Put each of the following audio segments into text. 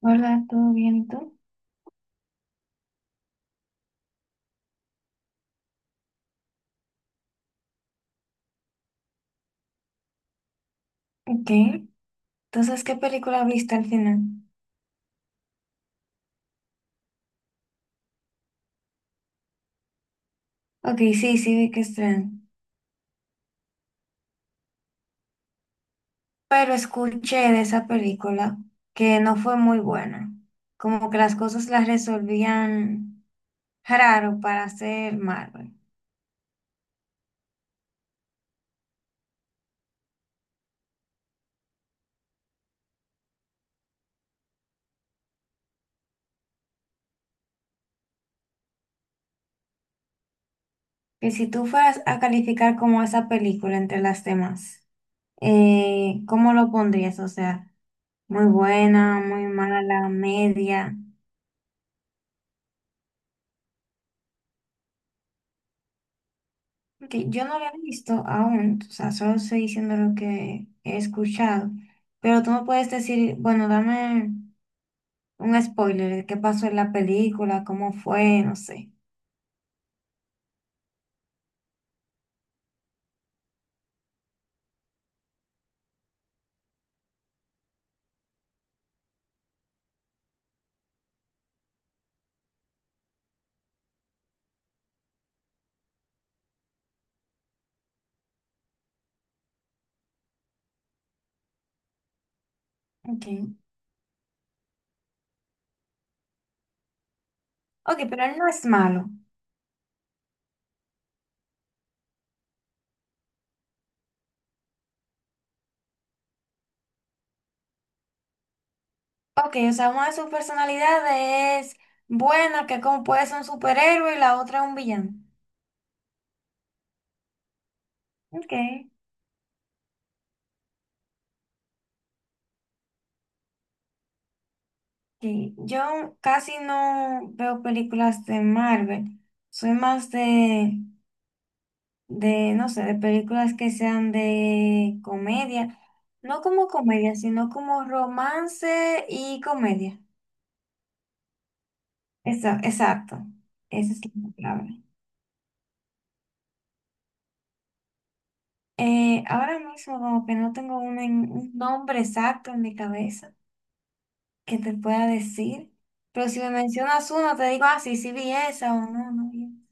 Hola, ¿todo bien? ¿Y tú? Ok. Entonces, ¿qué película viste al final? Ok, sí, sí vi que estrenan. Pero escuché de esa película que no fue muy buena. Como que las cosas las resolvían raro para hacer Marvel. Que si tú fueras a calificar como esa película entre las demás, ¿cómo lo pondrías? O sea, muy buena, muy mala, media. Porque yo no lo he visto aún, o sea, solo estoy diciendo lo que he escuchado. Pero tú me puedes decir, bueno, dame un spoiler de qué pasó en la película, cómo fue, no sé. Ok. Ok, pero él no es malo. Ok, o sea, una de sus personalidades es buena, que como puede ser un superhéroe y la otra es un villano. Ok. Sí, yo casi no veo películas de Marvel. Soy más de, no sé, de películas que sean de comedia, no como comedia, sino como romance y comedia. Exacto, esa es la palabra. Ahora mismo como que no tengo un nombre exacto en mi cabeza que te pueda decir, pero si me mencionas uno te digo, ah, sí, sí vi esa o no, no vi.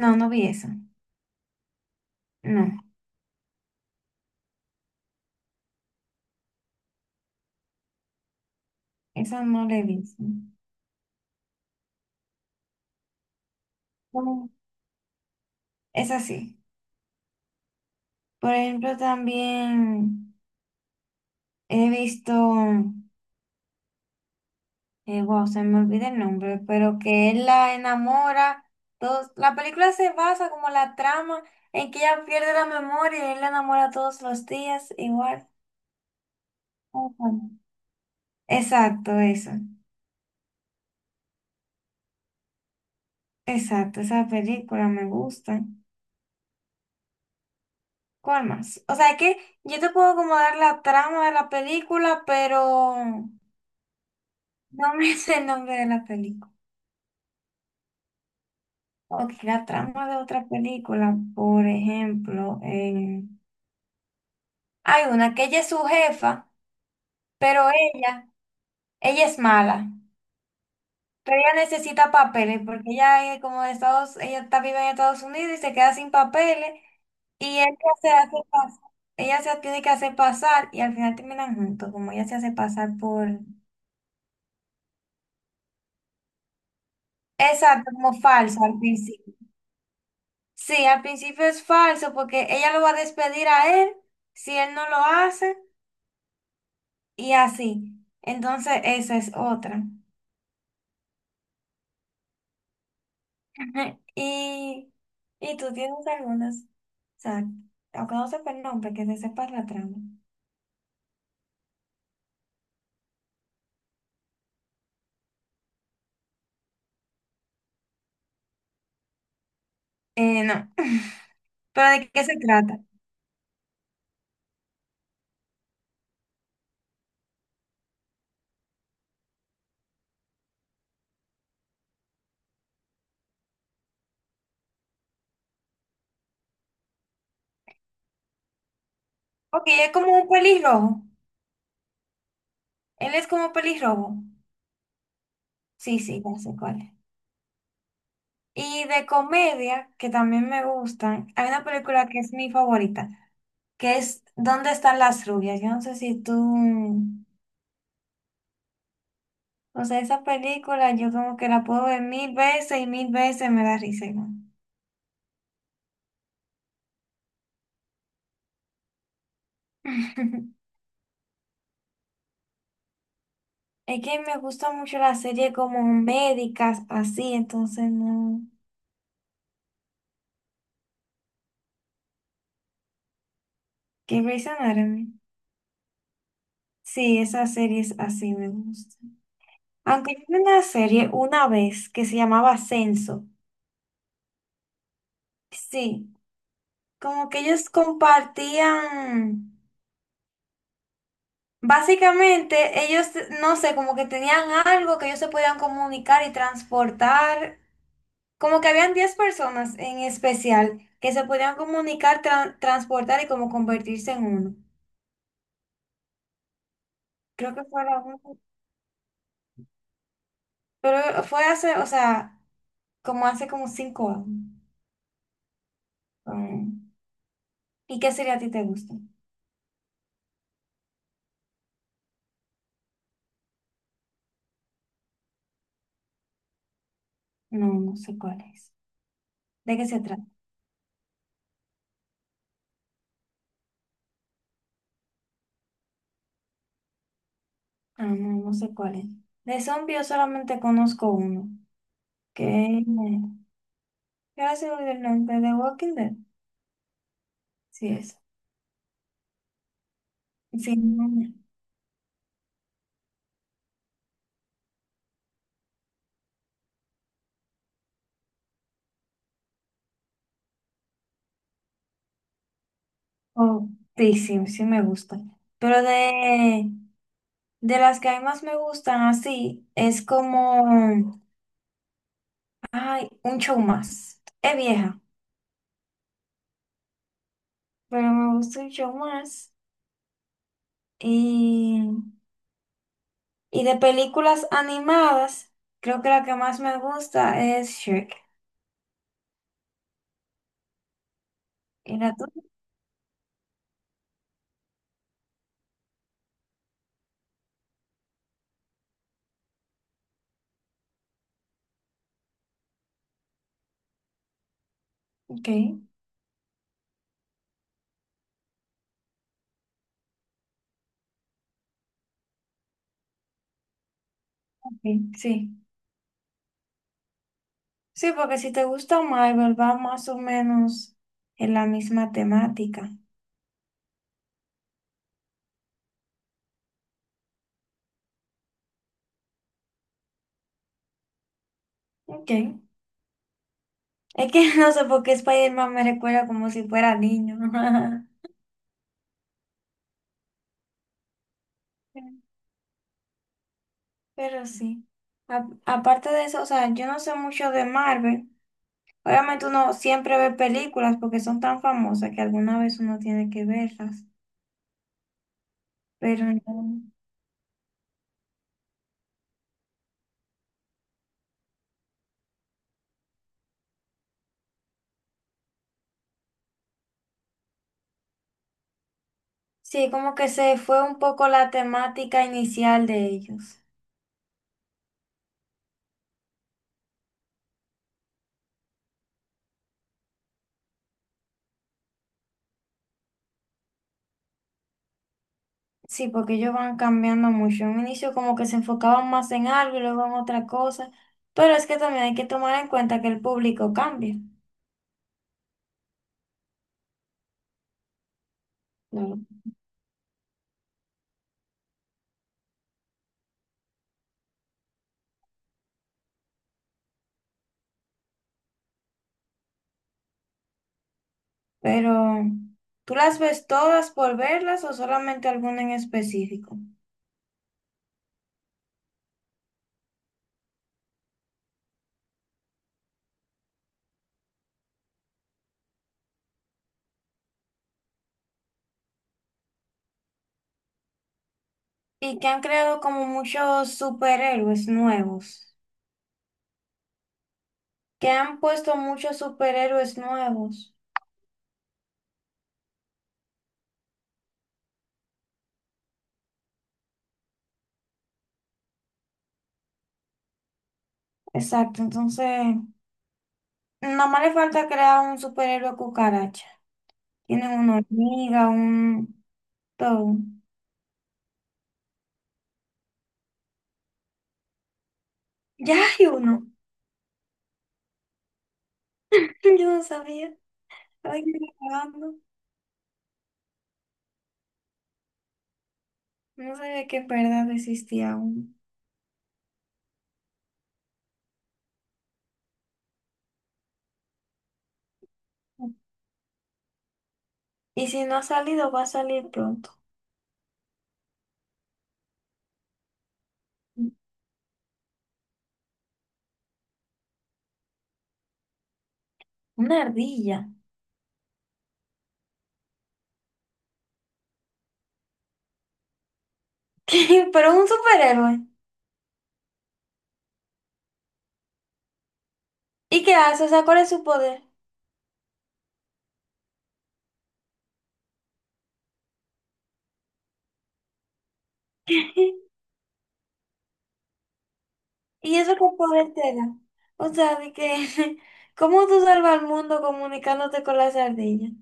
No, no vi esa. No, esa no la he visto. No, esa sí. Por ejemplo, también he visto... wow, se me olvida el nombre, pero que él la enamora. Todos, la película se basa como la trama en que ella pierde la memoria y él la enamora todos los días, igual. Ujú. Exacto, eso. Exacto, esa película me gusta. ¿Cuál más? O sea, que yo te puedo como dar la trama de la película, pero no me sé el nombre de la película. Ok, la trama de otra película, por ejemplo, hay una que ella es su jefa, pero ella es mala, pero ella necesita papeles porque ella es como de Estados, ella está vive en Estados Unidos y se queda sin papeles y él se hace pasar, ella se tiene que hacer pasar y al final terminan juntos, como ella se hace pasar por exacto, como falso al principio. Sí, al principio es falso porque ella lo va a despedir a él si él no lo hace y así. Entonces, esa es otra. Ajá, y tú tienes algunas. O sea, aunque no sepa el nombre, que se sepa la trama. No. ¿Pero de qué se trata? Ok, es como un pelirrojo. Él es como pelirrojo. Sí, sí, ya sé cuál es. Y de comedia, que también me gustan, hay una película que es mi favorita, que es ¿Dónde están las rubias? Yo no sé si tú... O sea, esa película yo como que la puedo ver mil veces y mil veces me da risa igual. Es que me gusta mucho la serie como médicas, así, entonces no. ¿Qué Grey's Anatomy? Sí, esas series así me gustan. Aunque yo vi una serie una vez que se llamaba Ascenso. Sí, como que ellos compartían. Básicamente, ellos, no sé, como que tenían algo que ellos se podían comunicar y transportar. Como que habían 10 personas en especial que se podían comunicar, transportar y como convertirse en uno. Creo que fue la única. Pero fue hace, o sea, como hace como 5 años. Um, ¿Y qué serie a ti te gusta? No, no sé cuál es. ¿De qué se trata? Ah, no, no sé cuál es. De zombies yo solamente conozco uno. Que ahora se me olvidó el nombre de Walking Dead. Sí, es. Sí, no, no. Oh, sí, sí, sí me gusta. Pero de las que a mí más me gustan así, es como, ay, un show más. Es vieja, pero me gusta un show más. Y Y de películas animadas, creo que la que más me gusta es Shrek. ¿Y la tuya? Ok, ok, sí. Sí, porque si te gusta Marvel, va más o menos en la misma temática. Ok. Es que no sé por qué Spider-Man me recuerda como si fuera niño. Pero sí. Aparte de eso, o sea, yo no sé mucho de Marvel. Obviamente uno siempre ve películas porque son tan famosas que alguna vez uno tiene que verlas. Pero no. Sí, como que se fue un poco la temática inicial de ellos. Sí, porque ellos van cambiando mucho. En un inicio como que se enfocaban más en algo y luego en otra cosa. Pero es que también hay que tomar en cuenta que el público cambia. Claro. Pero, ¿tú las ves todas por verlas o solamente alguna en específico? Y que han creado como muchos superhéroes nuevos. Que han puesto muchos superhéroes nuevos. Exacto, entonces, nada más le falta crear un superhéroe cucaracha. Tiene una hormiga, un todo. Ya hay uno. Yo no sabía. Estaba aquí grabando. No sabía que en verdad existía uno. Y si no ha salido, va a salir pronto. Una ardilla. Pero es un superhéroe. ¿Y qué hace? O sea, ¿cuál es su poder? ¿Y eso qué poder te da? O sea, de que, ¿cómo tú salvas al mundo comunicándote con las ardillas?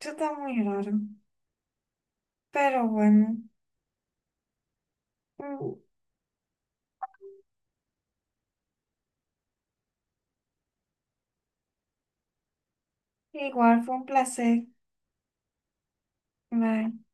Eso está muy raro. Pero bueno, mm, igual fue un placer. Bye.